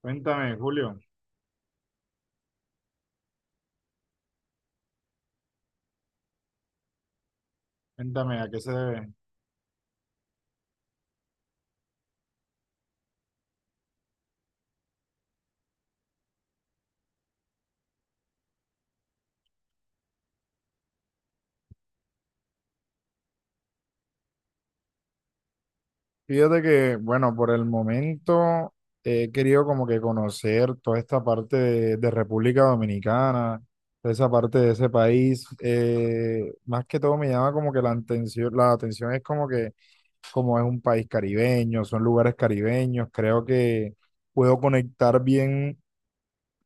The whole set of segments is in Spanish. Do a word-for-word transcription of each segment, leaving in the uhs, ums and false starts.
Cuéntame, Julio, cuéntame a qué se debe. Fíjate que, bueno, por el momento eh, he querido como que conocer toda esta parte de, de República Dominicana, toda esa parte de ese país. Eh, más que todo me llama como que la atención, la atención es como que como es un país caribeño, son lugares caribeños, creo que puedo conectar bien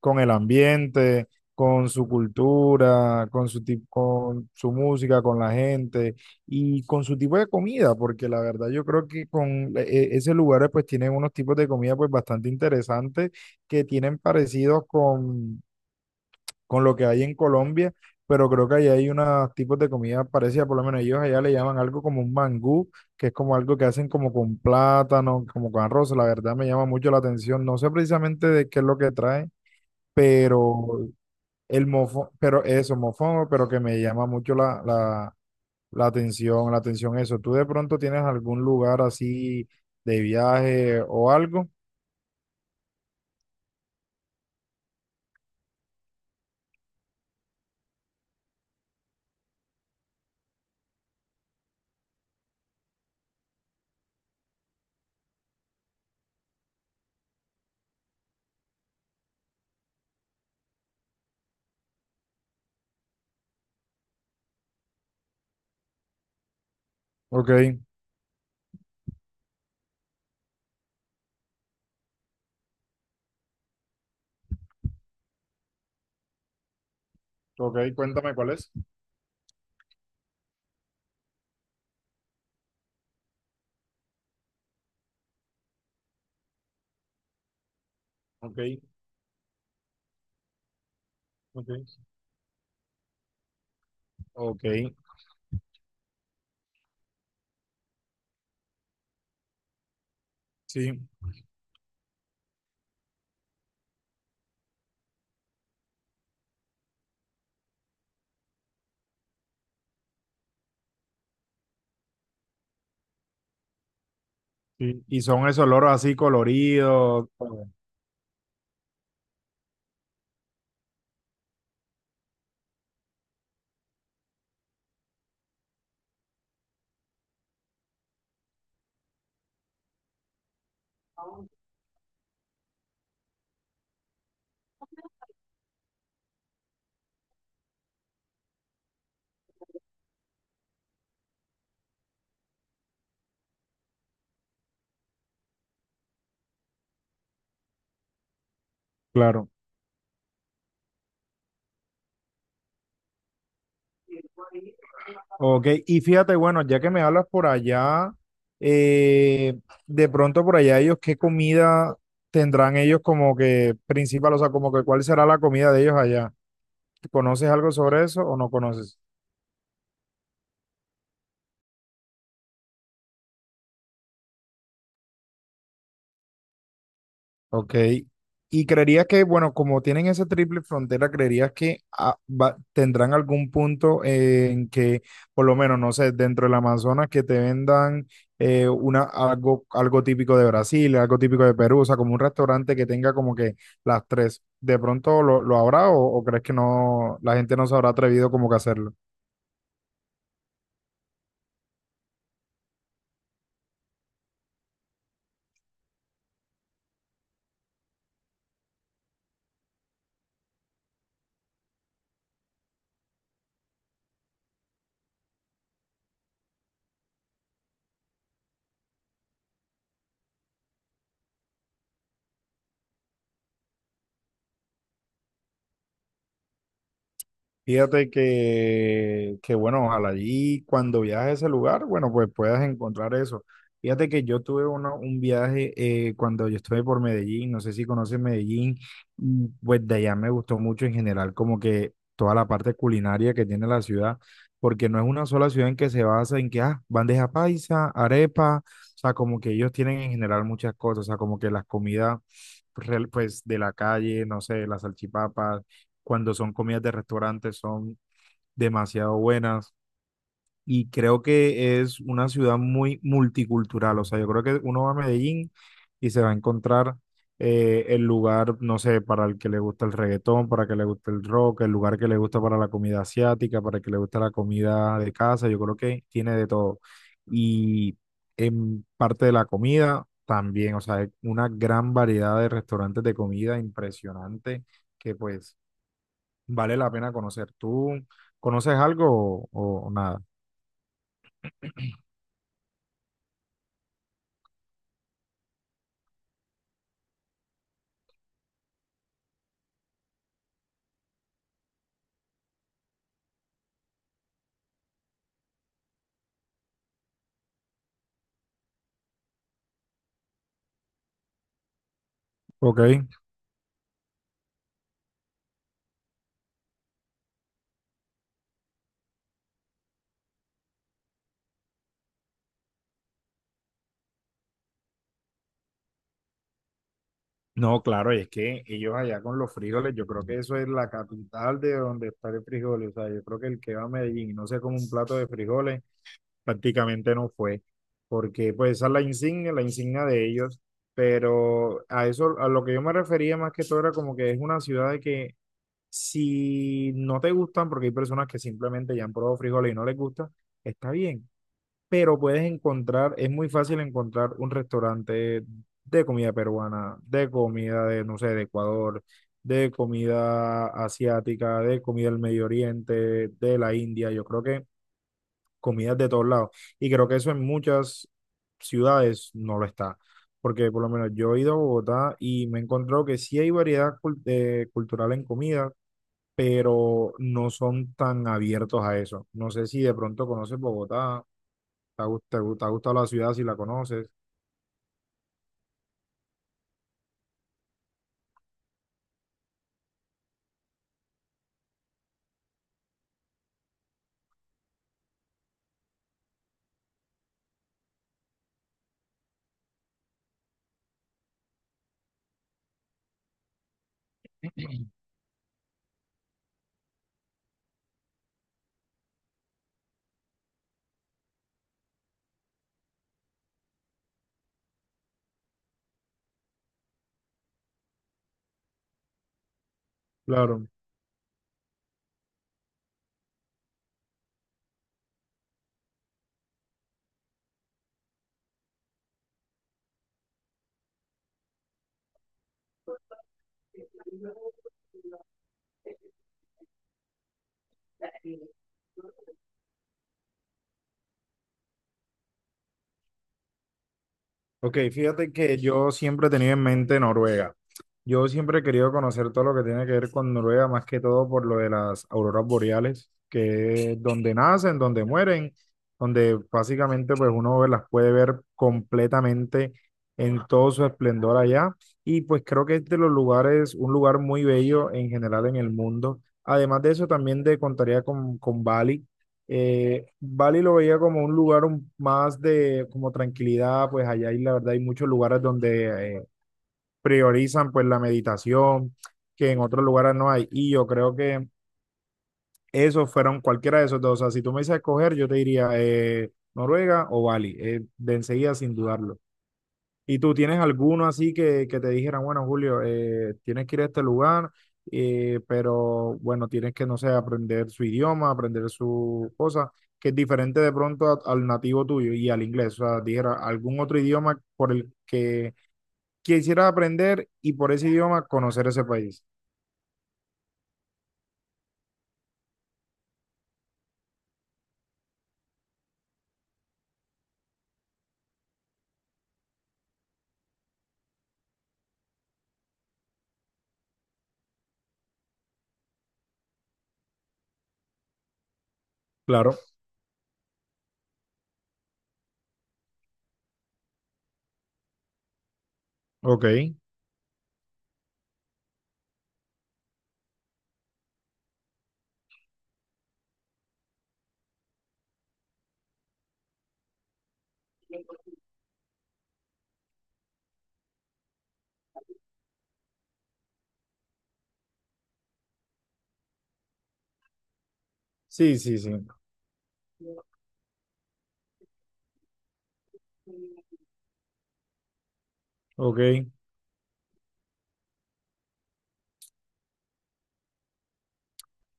con el ambiente, con su cultura, con su, tip- con su música, con la gente y con su tipo de comida, porque la verdad yo creo que con eh, ese lugar pues tienen unos tipos de comida pues bastante interesantes que tienen parecidos con, con lo que hay en Colombia, pero creo que allá hay unos tipos de comida parecida, por lo menos ellos allá le llaman algo como un mangú, que es como algo que hacen como con plátano, como con arroz, la verdad me llama mucho la atención, no sé precisamente de qué es lo que trae pero el mofo, pero eso, mofongo, pero que me llama mucho la, la, la atención, la atención eso. ¿Tú de pronto tienes algún lugar así de viaje o algo? Ok, ok, cuéntame cuál es. Ok, ok, ok, sí, sí. Y son esos loros así coloridos. Claro. Ok, y fíjate, bueno, ya que me hablas por allá, eh, de pronto por allá ellos, ¿qué comida tendrán ellos como que principal? O sea, como que cuál será la comida de ellos allá. ¿Conoces algo sobre eso o no conoces? Ok. Y creerías que, bueno, como tienen esa triple frontera, creerías que ah, va- tendrán algún punto eh, en que, por lo menos, no sé, dentro del Amazonas, que te vendan eh, una, algo, algo típico de Brasil, algo típico de Perú, o sea, como un restaurante que tenga como que las tres. ¿De pronto lo, lo habrá o, o crees que no, la gente no se habrá atrevido como que a hacerlo? Fíjate que, que, bueno, ojalá allí cuando viajes a ese lugar, bueno, pues puedas encontrar eso. Fíjate que yo tuve uno- un viaje eh, cuando yo estuve por Medellín, no sé si conoces Medellín, y, pues de allá me gustó mucho en general como que toda la parte culinaria que tiene la ciudad, porque no es una sola ciudad en que se basa en que, ah, bandeja paisa, arepa, o sea, como que ellos tienen en general muchas cosas, o sea, como que las comidas, real- pues, de la calle, no sé, las salchipapas cuando son comidas de restaurantes son demasiado buenas y creo que es una ciudad muy multicultural. O sea, yo creo que uno va a Medellín y se va a encontrar eh, el lugar, no sé, para el que le gusta el reggaetón, para el que le gusta el rock, el lugar que le gusta para la comida asiática, para el que le gusta la comida de casa. Yo creo que tiene de todo. Y en parte de la comida también, o sea, hay una gran variedad de restaurantes de comida impresionante que pues vale la pena conocer. ¿Tú conoces algo o, o nada? Ok. No, claro, y es que ellos allá con los frijoles, yo creo que eso es la capital de donde está el frijoles. O sea, yo creo que el que va a Medellín y no se come un plato de frijoles, prácticamente no fue. Porque pues esa es la insignia, la insignia de ellos. Pero a eso, a lo que yo me refería más que todo era como que es una ciudad de que si no te gustan, porque hay personas que simplemente ya han probado frijoles y no les gusta, está bien. Pero puedes encontrar, es muy fácil encontrar un restaurante de comida peruana, de comida de, no sé, de Ecuador, de comida asiática, de comida del Medio Oriente, de la India, yo creo que comidas de todos lados. Y creo que eso en muchas ciudades no lo está. Porque por lo menos yo he ido a Bogotá y me he encontrado que sí hay variedad cul- eh, cultural en comida, pero no son tan abiertos a eso. No sé si de pronto conoces Bogotá te ha, gust- te gu- te ha gustado la ciudad si la conoces. Claro. Ok, fíjate que yo siempre he tenido en mente Noruega. Yo siempre he querido conocer todo lo que tiene que ver con Noruega, más que todo por lo de las auroras boreales, que es donde nacen, donde mueren, donde básicamente pues uno ve- las puede ver completamente en todo su esplendor allá. Y pues creo que es de los lugares, un lugar muy bello en general en el mundo. Además de eso, también te contaría con, con Bali. Eh, Bali lo veía como un lugar un- más de como tranquilidad, pues allá hay, la verdad hay muchos lugares donde eh, priorizan pues la meditación, que en otros lugares no hay. Y yo creo que esos fueron cualquiera de esos dos. O sea, si tú me dices escoger, yo te diría eh, Noruega o Bali, eh, de enseguida sin dudarlo. ¿Y tú tienes alguno así que, que te dijeran, bueno, Julio, eh, tienes que ir a este lugar, eh, pero bueno, tienes que, no sé, aprender su idioma, aprender su cosa, que es diferente de pronto a- al nativo tuyo y al inglés? O sea, dijera, algún otro idioma por el que quisieras aprender y por ese idioma conocer ese país. Claro, ok. Sí, sí, sí. Ok.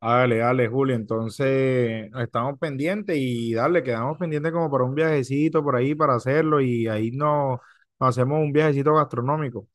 Dale, dale, Julio. Entonces, estamos pendientes y dale, quedamos pendientes como para un viajecito por ahí para hacerlo y ahí nos, nos hacemos un viajecito gastronómico.